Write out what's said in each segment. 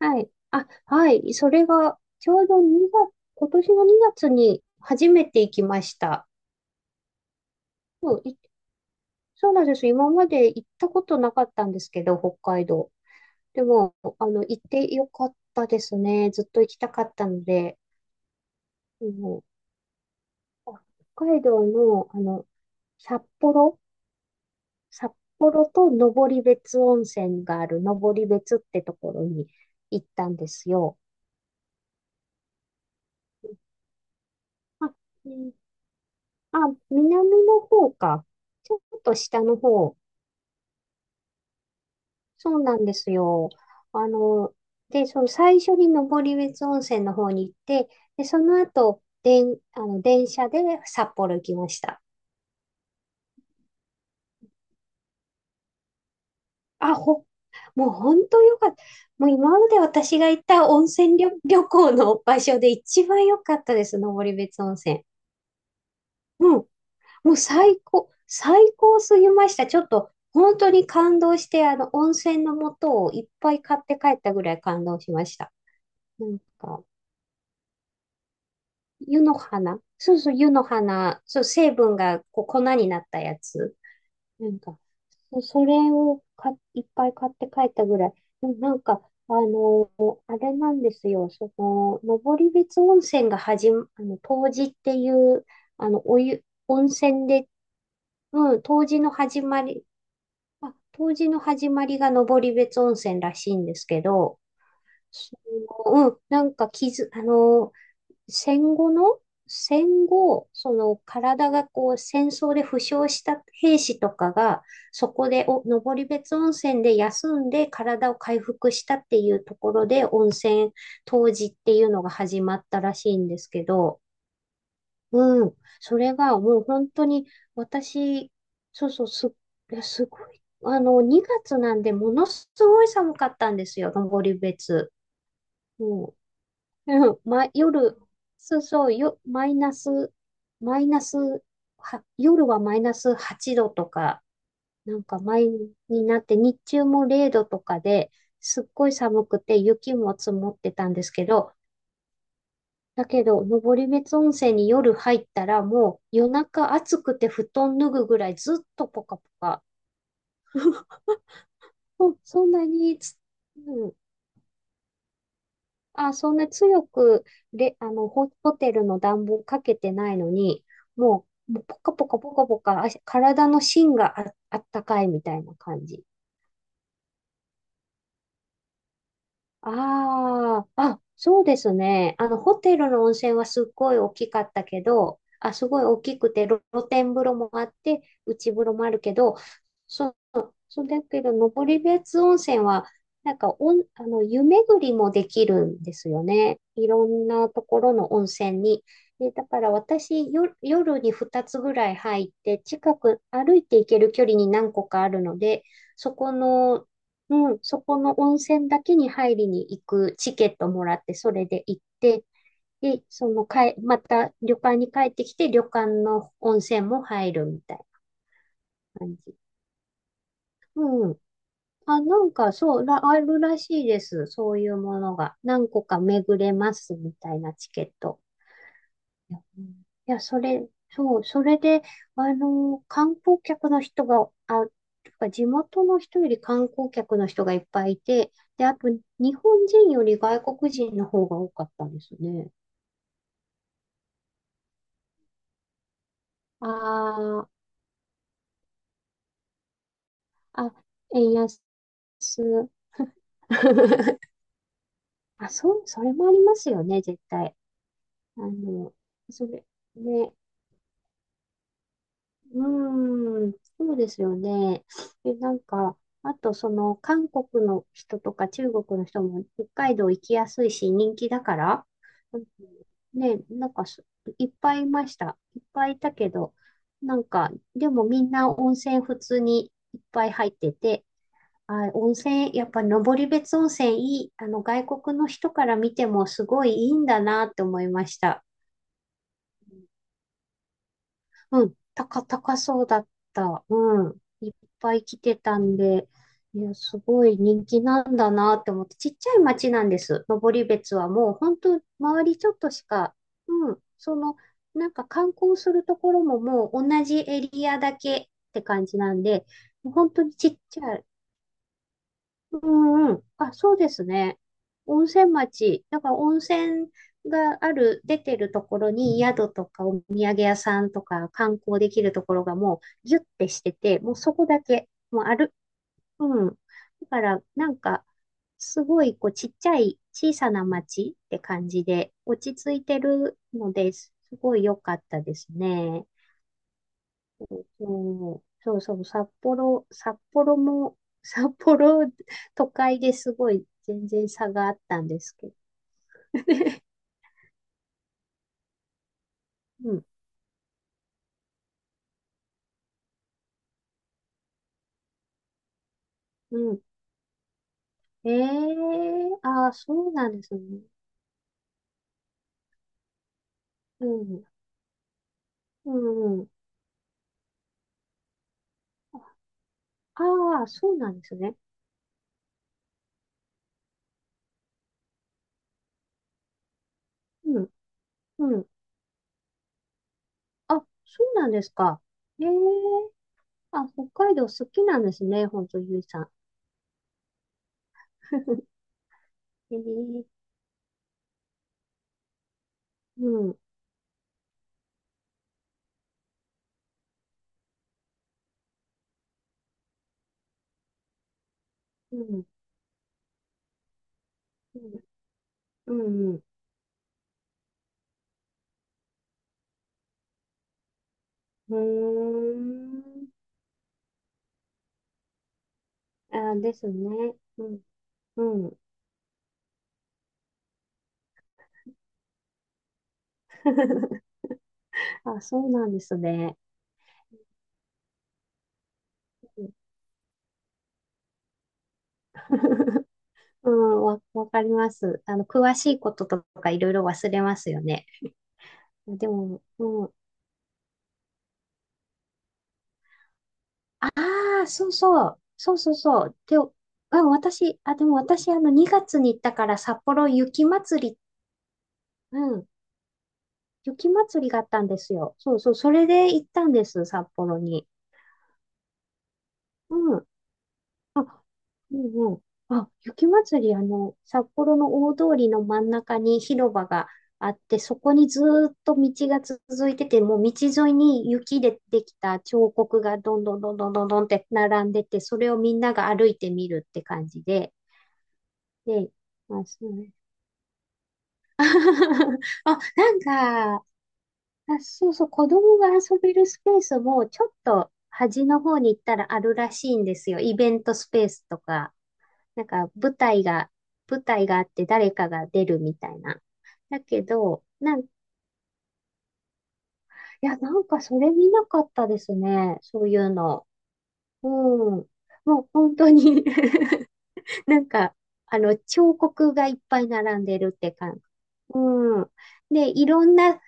はい。あ、はい。それが、ちょうど2月、今年の2月に初めて行きました。そう、いそうなんです。今まで行ったことなかったんですけど、北海道。でも、行ってよかったですね。ずっと行きたかったので、もうあ北海道の、札幌、札幌と登別温泉がある登別ってところに行ったんですよ。あ、ねあ、南の方か。ちょっと下の方。そうなんですよ。あの、その最初に登別温泉の方に行って、で、その後、でんあの、電車で札幌行きました。あ、ほ、もう本当よかった。もう今まで私が行った温泉旅、旅行の場所で一番良かったです、登別温泉。うん。もう最高すぎました。ちょっと本当に感動して、温泉の素をいっぱい買って帰ったぐらい感動しました。なんか、湯の花。そうそう、湯の花。そう、成分がこう粉になったやつ。なんか、それをいっぱい買って帰ったぐらい。でもなんか、あの、あれなんですよ。その、登別温泉が始ま、あの、冬至っていう、温泉で、うん、冬至の始まり、冬至の始まりが登別温泉らしいんですけど、その、うん、なんか傷、あの、戦後の、戦後、その体がこう戦争で負傷した兵士とかが、そこでお登別温泉で休んで体を回復したっていうところで冬至っていうのが始まったらしいんですけど、うん。それがもう本当に私、そうそう、す、いやすごい。あの、2月なんでものすごい寒かったんですよ、登別。もう、うんま、夜、そうそう、よ、マイナス、マイナス、は、夜はマイナス8度とか、なんかマイになって、日中も0度とかで、すっごい寒くて雪も積もってたんですけど、だけど、登別温泉に夜入ったら、もう夜中暑くて布団脱ぐぐらいずっとポカポカ。うん、そんなにつ、うん、あ、そんな強く、レあの、ホ、ホテルの暖房かけてないのに、もうポカポカポカポカ、体の芯があったかいみたいな感じ。そうですね。あの、ホテルの温泉はすっごい大きかったけど、あ、すごい大きくて、露天風呂もあって、内風呂もあるけど、そうだけど、登別温泉は、なんかおん、あの、湯巡りもできるんですよね。いろんなところの温泉に。で、だから私、よ、夜に2つぐらい入って、近く歩いて行ける距離に何個かあるので、そこの、うん、そこの温泉だけに入りに行くチケットもらって、それで行って、で、そのかえ、また旅館に帰ってきて、旅館の温泉も入るみたいな感じ。うん。あるらしいです。そういうものが。何個か巡れますみたいなチケット。いや、うんそれで、あの、観光客の人が、あ、とか地元の人より観光客の人がいっぱいいて、で、あと、日本人より外国人の方が多かったんですね。ああ、あ、円安。あ、そう、それもありますよね、絶対。あの、それ、ね。うーん、そうですよね。え、なんか、あとその韓国の人とか中国の人も北海道行きやすいし人気だから、うん。ね、なんかそいっぱいいました。いっぱいいたけど、なんか、でもみんな温泉普通にいっぱい入ってて、やっぱ登別温泉いい、あの外国の人から見てもすごいいいんだなって思いました。高そうだった。うん。いっぱい来てたんで、いや、すごい人気なんだなって思って、ちっちゃい町なんです。登別はもう、本当周りちょっとしか、うん、その、観光するところももう同じエリアだけって感じなんで、もう本当にちっちゃい、うそうですね。温泉町。だから温泉がある、出てるところに宿とかお土産屋さんとか観光できるところがもうギュッてしてて、もうある。うん。だからなんか、すごいこうちっちゃい小さな町って感じで落ち着いてるのです、すごい良かったですね。そう、そうそう、札幌、札幌も、札幌、都会ですごい全然差があったんですけど。うん、うん。ええああ、そうなんですね。うん、うん。ああ、そうなんですね。うん、うん。あ、そうなんですか。ええあ、北海道好きなんですね、本当ゆいさん。ええうん、うん、うん、うん、うん。うーん。あ、ですね。うん、うん。あ、そうなんですね。わかります。あの、詳しいこととかいろいろ忘れますよね。でも、うん、ああ、そうそう、そうそうそう。で、うん、私、あ、でも私、あの、2月に行ったから札幌雪まつり、うん、雪まつりがあったんですよ。そうそう、それで行ったんです、札幌に。うん。うんうん。あ、雪まつり、あの、札幌の大通りの真ん中に広場があって、そこにずーっと道が続いてて、もう道沿いに雪でできた彫刻がどんどんどんどんどんどんって並んでて、それをみんなが歩いてみるって感じで。で、まあ、そうね。あ、なんか、そうそう、子供が遊べるスペースもちょっと端の方に行ったらあるらしいんですよ。イベントスペースとか。なんか舞台が、舞台があって誰かが出るみたいな。だけど、なん、いや、なんかそれ見なかったですね。そういうの。うん。もう本当に なんか、彫刻がいっぱい並んでるって感じ。うん。で、いろんな、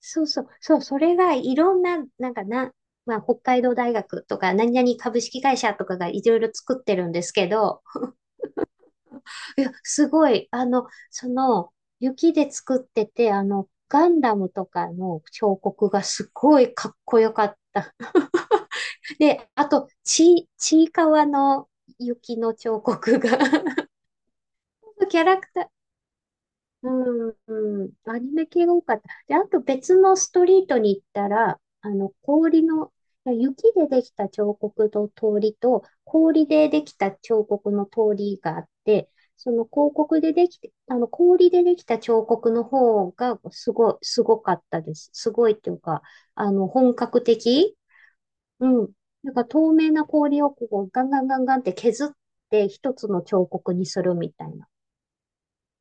そうそう、そう、それがいろんな、まあ、北海道大学とか、何々株式会社とかがいろいろ作ってるんですけど、いや、すごい。雪で作ってて、あの、ガンダムとかの彫刻がすごいかっこよかった。で、あと、ち、ちいかわの雪の彫刻が キャラクター、うん、うんアニメ系が多かった。で、あと別のストリートに行ったら、あの、氷の、いや雪でできた彫刻の通りと、氷でできた彫刻の通りがあって、その広告でできて、あの、氷でできた彫刻の方がすごい、すごかったです。すごいっていうか、あの、本格的。うん。なんか透明な氷をこうガンガンガンガンって削って一つの彫刻にするみたいな。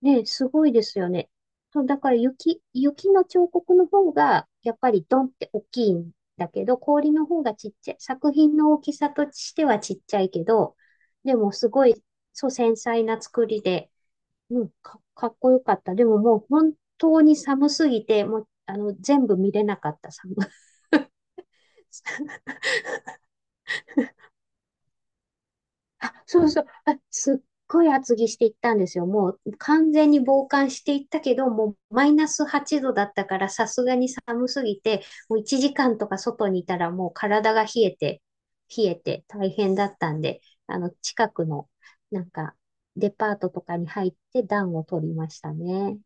ね、すごいですよね。そう、だから雪、雪の彫刻の方が、やっぱりドンって大きいんだけど、氷の方がちっちゃい。作品の大きさとしてはちっちゃいけど、でもすごい、そう、繊細な作りで、かっこよかった。でももう本当に寒すぎて、もう、あの、全部見れなかった、寒、あ、そうそう。あ、すっごい厚着していったんですよ。もう完全に防寒していったけど、もうマイナス8度だったから、さすがに寒すぎて、もう1時間とか外にいたらもう体が冷えて、冷えて大変だったんで、あの、近くの、なんか、デパートとかに入って暖を取りましたね。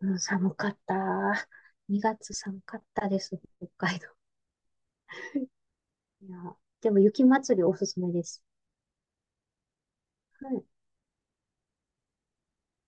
うん、寒かった。2月寒かったです、北海道。いや、でも雪祭りおすすめです。はい